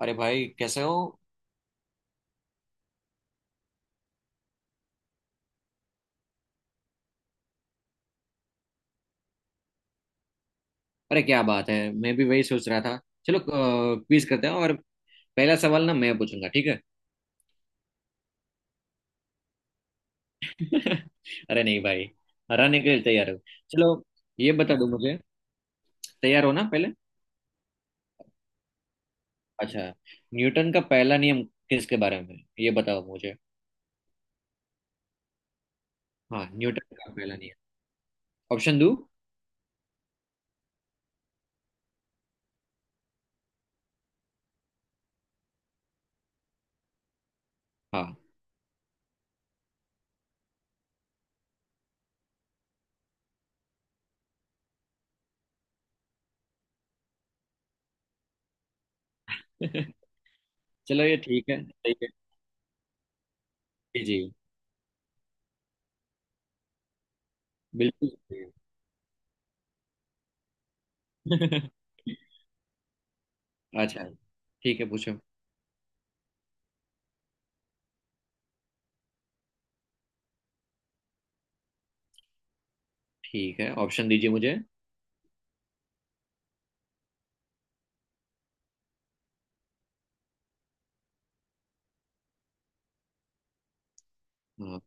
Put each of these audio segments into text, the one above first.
अरे भाई कैसे हो। अरे क्या बात है। मैं भी वही सोच रहा था। चलो क्विज करते हैं और पहला सवाल ना मैं पूछूंगा, ठीक है। अरे नहीं भाई, हराने के लिए तैयार हो। चलो, ये बता दो मुझे, तैयार हो ना पहले। अच्छा, न्यूटन का पहला नियम किसके बारे में है? ये बताओ मुझे। हाँ, न्यूटन का पहला नियम। ऑप्शन दो। हाँ। चलो ये ठीक है, सही है। जी जी, बिल्कुल सही है। अच्छा, ठीक है पूछो। ठीक है ऑप्शन दीजिए मुझे। हाँ,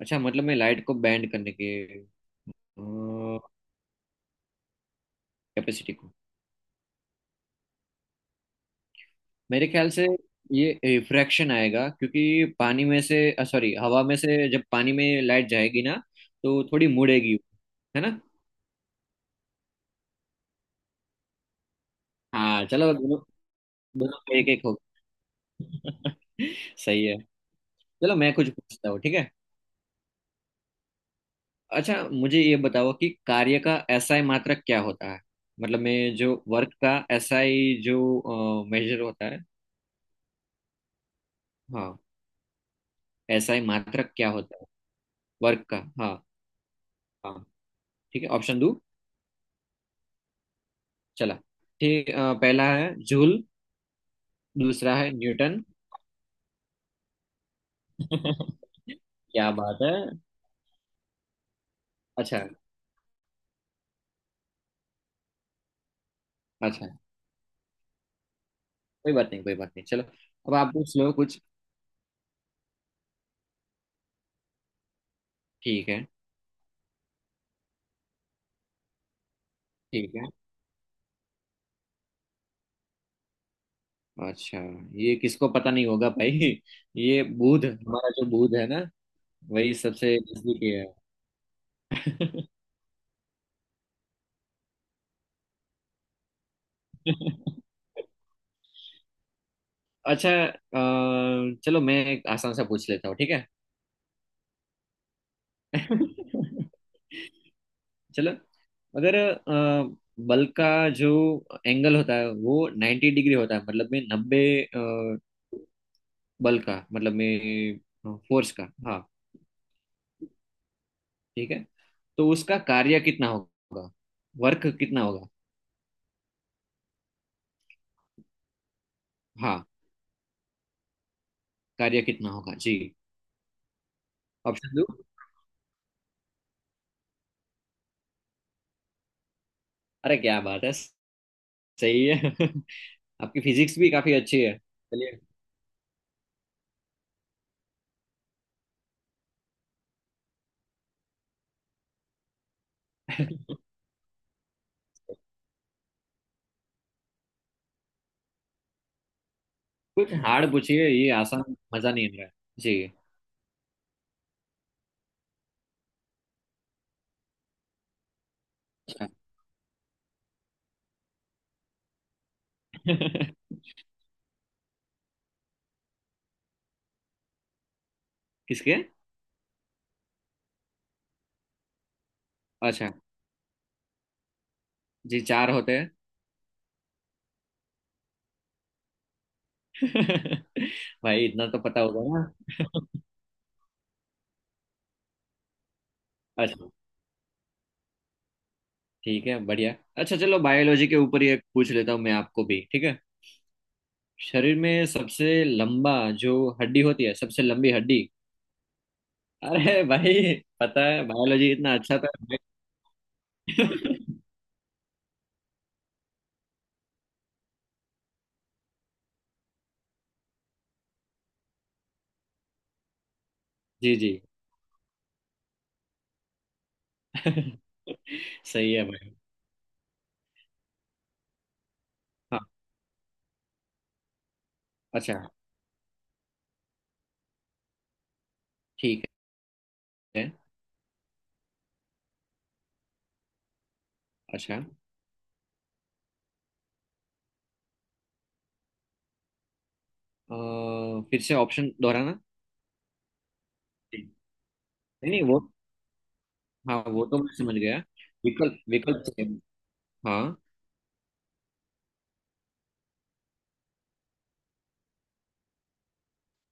अच्छा मतलब मैं लाइट को बैंड करने के कैपेसिटी को, मेरे ख्याल से ये रिफ्रैक्शन आएगा क्योंकि पानी में से, सॉरी, हवा में से जब पानी में लाइट जाएगी ना तो थोड़ी मुड़ेगी, है ना। हाँ चलो, दोनों, दोनों का एक एक हो गया। सही है। चलो मैं कुछ पूछता हूँ, ठीक है। अच्छा मुझे ये बताओ कि कार्य का एसआई मात्रक क्या होता है। मतलब मैं जो वर्क का एसआई जो मेजर होता है। हाँ, एसआई मात्रक क्या होता है। वर्क का, हाँ हाँ ठीक है। ऑप्शन दो। चला। ठीक, पहला है जूल, दूसरा है न्यूटन। क्या बात है। अच्छा, अच्छा, कोई बात नहीं कोई बात नहीं, चलो अब आप पूछ लो कुछ। ठीक है, ठीक है। अच्छा, ये किसको पता नहीं होगा भाई। ये बुध, हमारा जो बुध है ना वही सबसे नजदीकी है। अच्छा, चलो मैं एक आसान सा पूछ लेता हूँ, ठीक है। चलो, मगर बल का जो एंगल होता है वो 90 डिग्री होता है, मतलब में नब्बे, बल का मतलब में फोर्स का। हाँ, ठीक है, तो उसका कार्य कितना होगा, वर्क कितना होगा। हाँ, कार्य कितना होगा जी। ऑप्शन दो। अरे क्या बात है, सही है। आपकी फिजिक्स भी काफी अच्छी है, चलिए। कुछ हार्ड पूछिए, ये आसान मजा नहीं आ रहा है। जी। किसके? अच्छा, जी चार होते हैं। भाई इतना तो पता होगा ना। अच्छा, ठीक है, बढ़िया, अच्छा चलो बायोलॉजी के ऊपर ही एक पूछ लेता हूँ मैं आपको भी, ठीक है। शरीर में सबसे लंबा जो हड्डी होती है, सबसे लंबी हड्डी। अरे भाई, पता है बायोलॉजी इतना अच्छा था भाई। जी जी। सही है भाई। हाँ, अच्छा, ठीक है। अच्छा, अ, फिर से ऑप्शन दोहराना। नहीं, नहीं वो। हाँ, वो तो मैं समझ गया। विकल्प विकल्प। हाँ।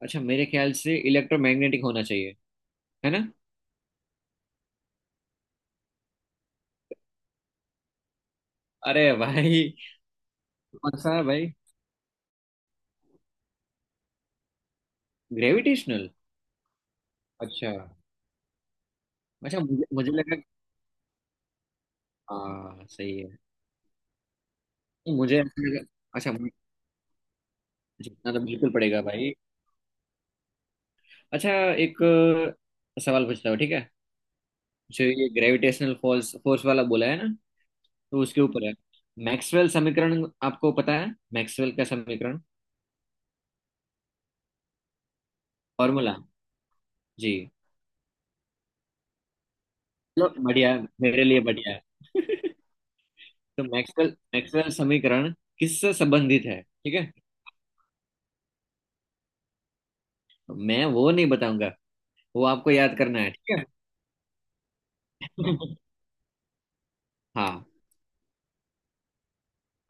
अच्छा मेरे ख्याल से इलेक्ट्रोमैग्नेटिक होना चाहिए, है ना। अरे भाई, कौन सा भाई। ग्रेविटेशनल, अच्छा। अच्छा मुझे, मुझे लगा। हाँ सही है। नहीं, मुझे ऐसा लगा। अच्छा मुझे, जीतना तो बिल्कुल पड़ेगा भाई। अच्छा, एक सवाल पूछता हूँ ठीक है। जो ये ग्रेविटेशनल फोर्स फोर्स वाला बोला है ना, तो उसके ऊपर है मैक्सवेल समीकरण। आपको पता है मैक्सवेल का समीकरण, फॉर्मूला। जी, चलो बढ़िया, मेरे लिए बढ़िया है। तो मैक्सवेल मैक्सवेल समीकरण किससे संबंधित है, ठीक है। मैं वो नहीं बताऊंगा, वो आपको याद करना है, ठीक है। हाँ,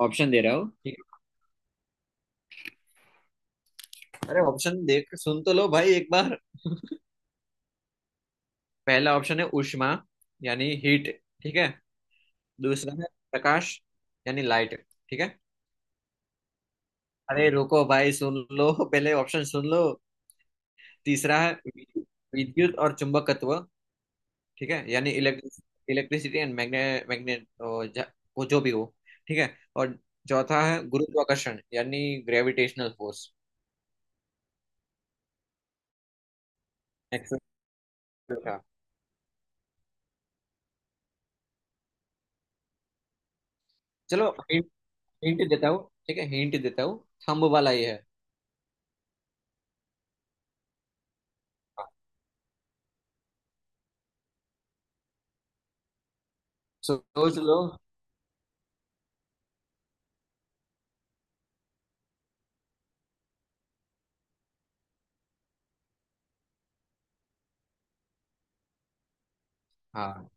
ऑप्शन दे रहा हूँ ठीक है। अरे ऑप्शन देख, सुन तो लो भाई एक बार। पहला ऑप्शन है ऊष्मा, यानी हीट, ठीक है। दूसरा है प्रकाश, यानी लाइट, ठीक है। अरे रुको भाई, सुन लो पहले, ऑप्शन सुन लो। तीसरा है विद्युत और चुंबकत्व, ठीक है, यानी electric, electricity and magnet, magnet, वो जो भी हो, ठीक है। और चौथा है गुरुत्वाकर्षण, यानी ग्रेविटेशनल फोर्स। एक्सेल था। चलो हिंट, हिंट देता हूँ ठीक है, हिंट देता हूँ। थंब वाला ये है। हाँ, सोच लो। हाँ।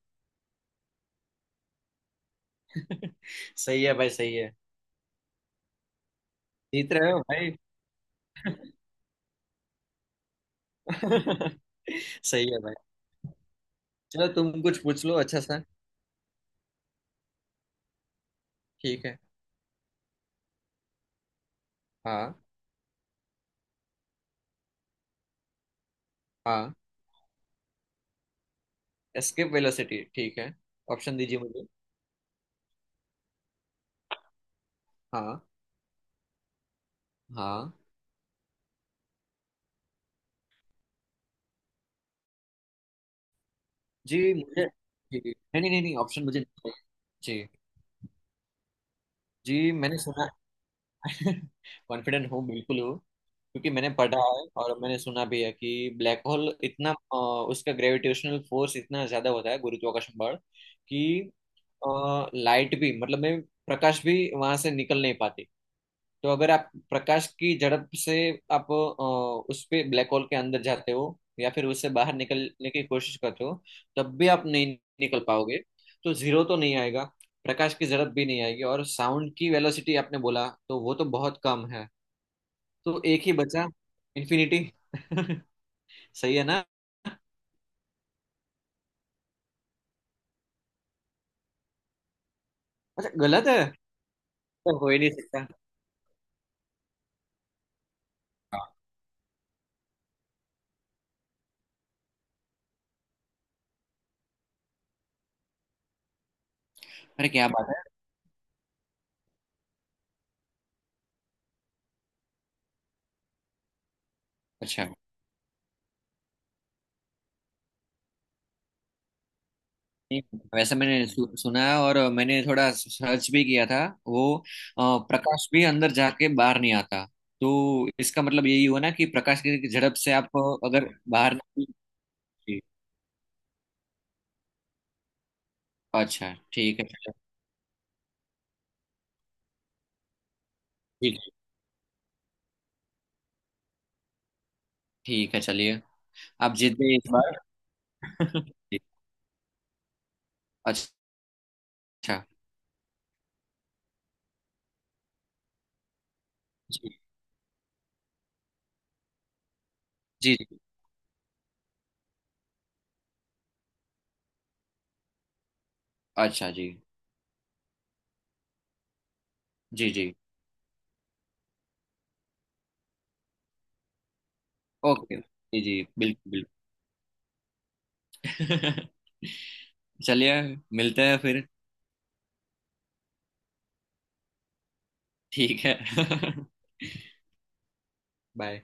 सही है भाई, सही है। जीत रहे हो भाई। सही है भाई। चलो तुम कुछ पूछ लो अच्छा सा। ठीक है। हाँ हाँ। एस्केप वेलोसिटी, ठीक है। ऑप्शन दीजिए मुझे। हाँ। हाँ। जी मुझे, जी जी। नहीं नहीं नहीं नहीं, ऑप्शन मुझे नहीं चाहिए। जी जी, मैंने सुना। कॉन्फिडेंट हूँ, बिल्कुल हूँ। क्योंकि मैंने पढ़ा है और मैंने सुना भी है कि ब्लैक होल इतना उसका ग्रेविटेशनल फोर्स इतना ज्यादा होता है, गुरुत्वाकर्षण बल, कि लाइट भी मतलब में प्रकाश भी वहां से निकल नहीं पाती। तो अगर आप प्रकाश की झड़प से आप उस पे ब्लैक होल के अंदर जाते हो या फिर उससे बाहर निकलने की कोशिश करते हो, तब भी आप नहीं निकल पाओगे। तो जीरो तो नहीं आएगा, प्रकाश की झड़प भी नहीं आएगी, और साउंड की वेलोसिटी आपने बोला तो वो तो बहुत कम है। तो एक ही बचा, इन्फिनिटी। सही है ना। अच्छा गलत है, तो हो ही नहीं सकता। हाँ, अरे क्या बात है। अच्छा, नहीं, वैसे मैंने सु, सुना है और मैंने थोड़ा सर्च भी किया था। वो प्रकाश भी अंदर जाके बाहर नहीं आता, तो इसका मतलब यही हुआ ना कि प्रकाश की झड़प से आप अगर बाहर नहीं। जी। अच्छा ठीक है चलो, ठीक है, ठीक है चलिए, आप जीत गए इस बार। जी, अच्छा जी जी। जी, अच्छा जी जी। जी ओके, जी जी बिल्कुल, बिल्कुल। चलिए, मिलते हैं फिर। ठीक है। बाय।